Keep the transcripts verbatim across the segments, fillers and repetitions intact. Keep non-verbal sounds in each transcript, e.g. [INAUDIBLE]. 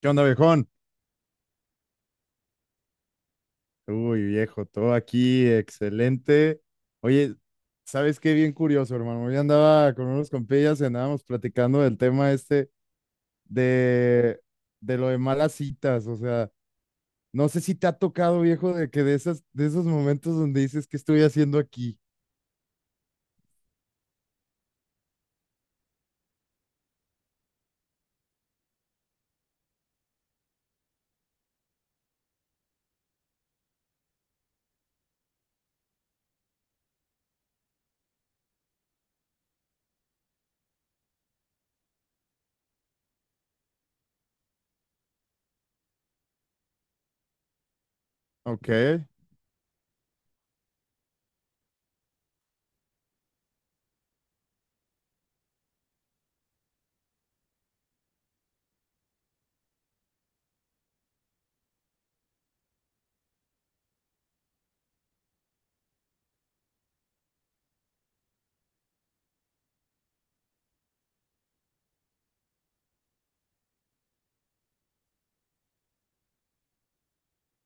¿Qué onda, viejón? Uy, viejo, todo aquí, excelente. Oye, ¿sabes qué? Bien curioso, hermano. Hoy andaba con unos compillas y andábamos platicando del tema este de, de lo de malas citas. O sea, no sé si te ha tocado, viejo, de que de esas, de esos momentos donde dices, ¿qué estoy haciendo aquí? Ok,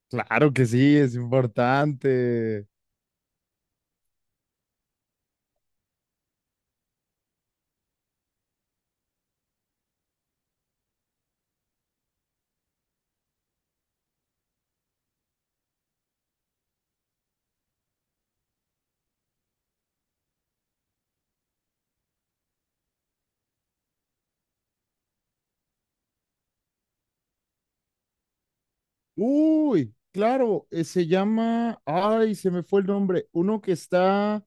claro que sí, es importante. Uy, claro, eh, se llama, ay, se me fue el nombre, uno que está...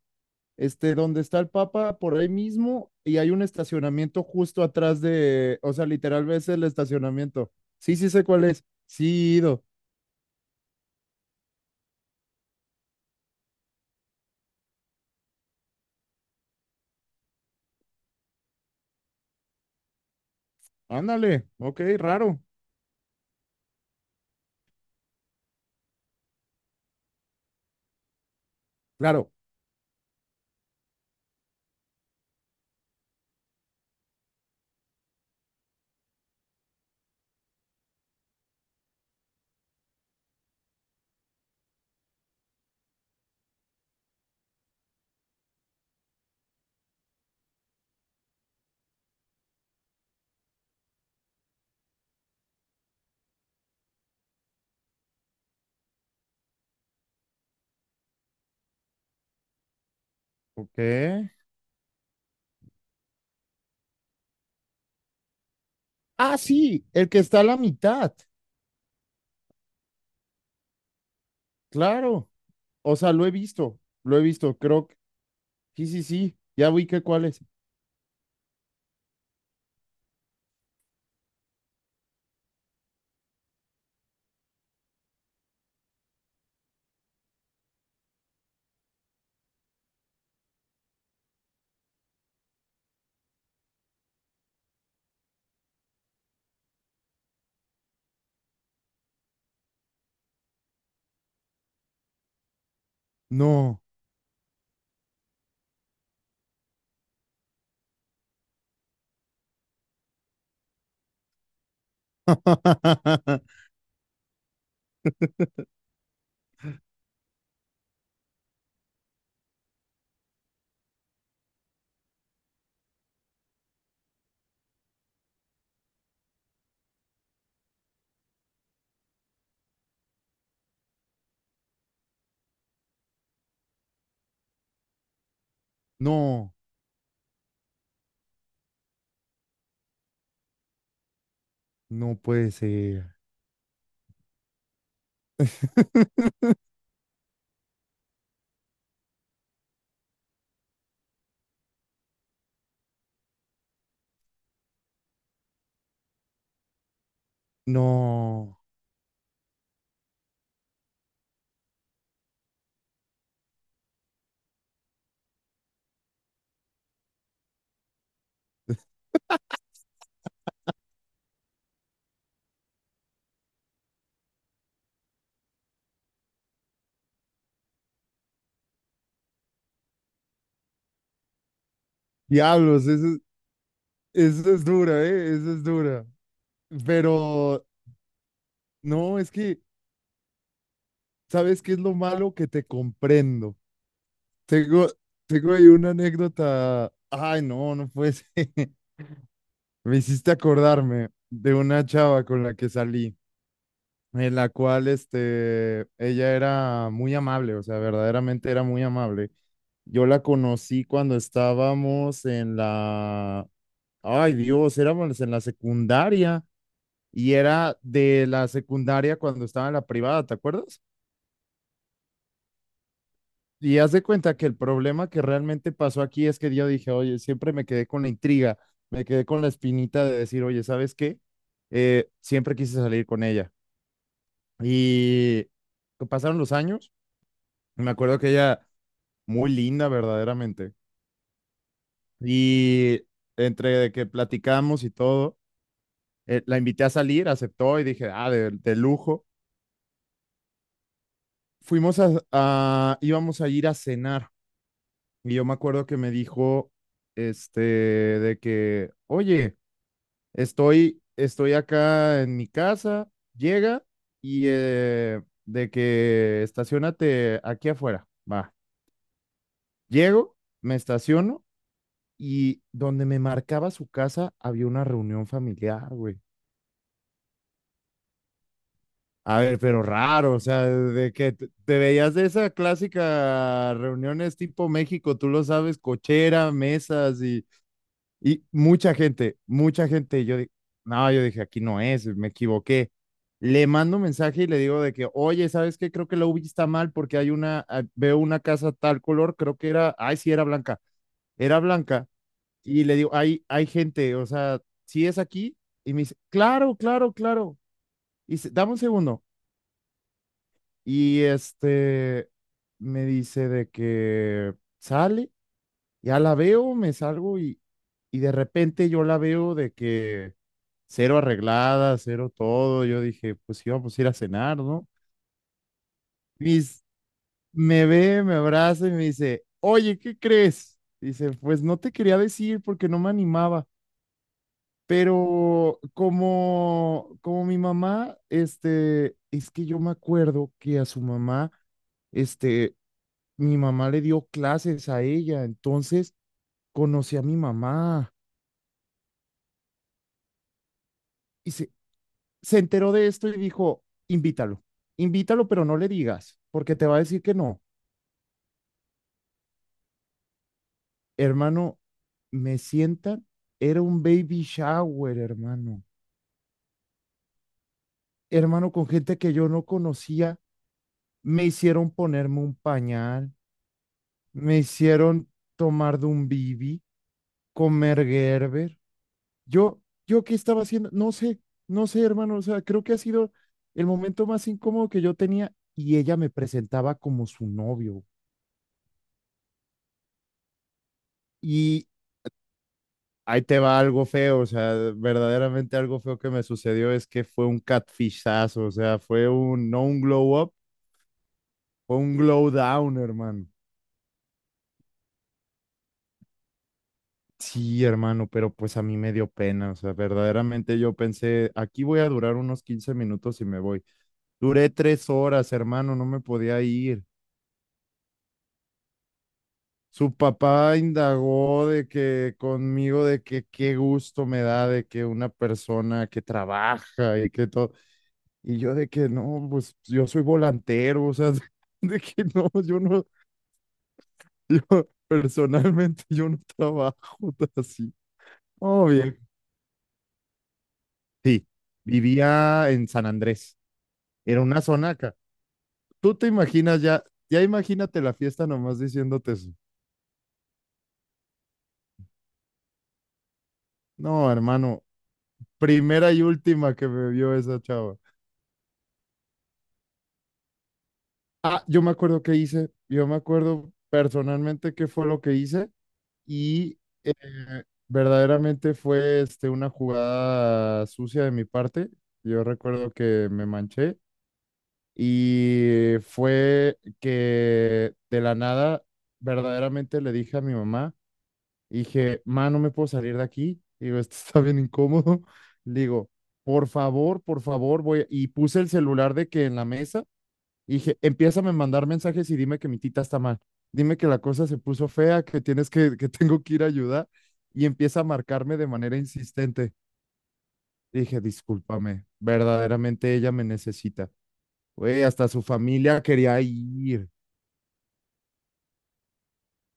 este, donde está el Papa, por ahí mismo, y hay un estacionamiento justo atrás de, o sea, literal ves el estacionamiento. Sí, sí sé cuál es. Sí, ido. Ándale, ok, raro. Claro, ok. Ah, sí, el que está a la mitad, claro. O sea, lo he visto, lo he visto, creo que, sí, sí, sí, ya vi que cuál es. No, [LAUGHS] no, no puede ser. [LAUGHS] No, diablos, eso, Eso es dura, ¿eh? Eso es dura. Pero no, es que, ¿sabes qué es lo malo? Que te comprendo. Tengo, tengo ahí una anécdota. Ay, no, no puede ser. [LAUGHS] Me hiciste acordarme de una chava con la que salí, en la cual, este, ella era muy amable, o sea, verdaderamente era muy amable. Yo la conocí cuando estábamos en la, ay Dios, éramos en la secundaria. Y era de la secundaria cuando estaba en la privada, ¿te acuerdas? Y haz de cuenta que el problema que realmente pasó aquí es que yo dije, oye, siempre me quedé con la intriga, me quedé con la espinita de decir, oye, ¿sabes qué? Eh, siempre quise salir con ella. Y pasaron los años, y me acuerdo que ella, muy linda verdaderamente, y entre de que platicamos y todo, eh, la invité a salir, aceptó y dije, ah, de, de lujo. Fuimos a, a, íbamos a ir a cenar. Y yo me acuerdo que me dijo, este, de que, oye, estoy, estoy acá en mi casa, llega y eh, de que estacionate aquí afuera. Va, llego, me estaciono y donde me marcaba su casa había una reunión familiar, güey. A ver, pero raro, o sea, de que te te veías de esa clásica reuniones tipo México, tú lo sabes, cochera, mesas. y Y mucha gente, mucha gente, yo dije, no, yo dije, aquí no es, me equivoqué. Le mando un mensaje y le digo de que, oye, ¿sabes qué? Creo que la UBI está mal porque hay una, ah, veo una casa tal color, creo que era, ay, sí, era blanca, era blanca. Y le digo, hay, ¿hay gente, o sea, si es aquí? Y me dice, claro, claro, claro. Y dice, dame un segundo. Y este, me dice de que sale, ya la veo, me salgo y, y de repente yo la veo de que cero arreglada, cero todo. Yo dije, pues íbamos a ir a cenar, ¿no? Mis, me ve, me abraza y me dice, oye, ¿qué crees? Dice, pues no te quería decir porque no me animaba, pero como, como mi mamá, este, es que yo me acuerdo que a su mamá, este, mi mamá le dio clases a ella, entonces conocí a mi mamá. Y se enteró de esto y dijo, invítalo, invítalo, pero no le digas, porque te va a decir que no. Hermano, me sientan, era un baby shower, hermano. Hermano, con gente que yo no conocía, me hicieron ponerme un pañal, me hicieron tomar de un bibi, comer Gerber. Yo, yo qué estaba haciendo, no sé, no sé, hermano, o sea, creo que ha sido el momento más incómodo que yo tenía y ella me presentaba como su novio. Y, ahí te va algo feo, o sea, verdaderamente algo feo que me sucedió es que fue un catfishazo, o sea, fue un, no un glow up, fue un glow down, hermano. Sí, hermano, pero pues a mí me dio pena, o sea, verdaderamente yo pensé, aquí voy a durar unos quince minutos y me voy. Duré tres horas, hermano, no me podía ir. Su papá indagó de que conmigo, de que qué gusto me da de que una persona que trabaja y que todo. Y yo de que no, pues yo soy volantero, o sea, [LAUGHS] de que no, yo no, [LAUGHS] yo personalmente yo no trabajo [LAUGHS] así. Oh, bien. Sí, vivía en San Andrés, era una zona acá. Tú te imaginas ya, ya imagínate la fiesta nomás diciéndote eso. No, hermano, primera y última que me vio esa chava. Ah, yo me acuerdo qué hice, yo me acuerdo personalmente qué fue lo que hice. Y eh, verdaderamente fue este, una jugada sucia de mi parte. Yo recuerdo que me manché y fue que de la nada verdaderamente le dije a mi mamá, dije, ma, no me puedo salir de aquí. Digo, esto está bien incómodo. [LAUGHS] Le digo, por favor, por favor, voy. Y puse el celular de que en la mesa y dije, empiézame a mandar mensajes y dime que mi tita está mal. Dime que la cosa se puso fea, que tienes que, que [LAUGHS] tengo que ir a ayudar. Y empieza a marcarme de manera insistente. Dije, discúlpame, verdaderamente ella me necesita. Güey, hasta su familia quería ir.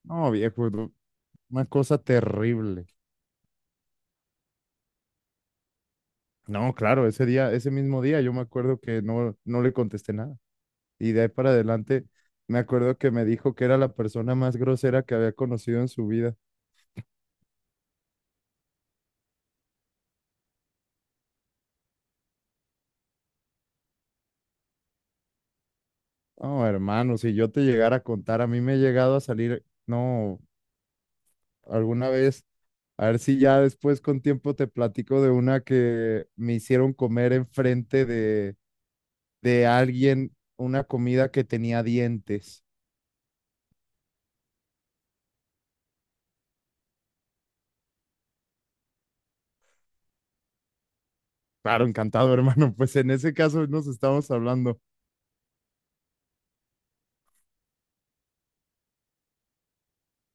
No, viejo, no, una cosa terrible. No, claro, ese día, ese mismo día, yo me acuerdo que no, no le contesté nada. Y de ahí para adelante, me acuerdo que me dijo que era la persona más grosera que había conocido en su vida. No, hermano, si yo te llegara a contar, a mí me he llegado a salir, no, alguna vez, a ver si ya después con tiempo te platico de una que me hicieron comer enfrente de, de alguien una comida que tenía dientes. Claro, encantado, [LAUGHS] hermano, pues en ese caso nos estamos hablando.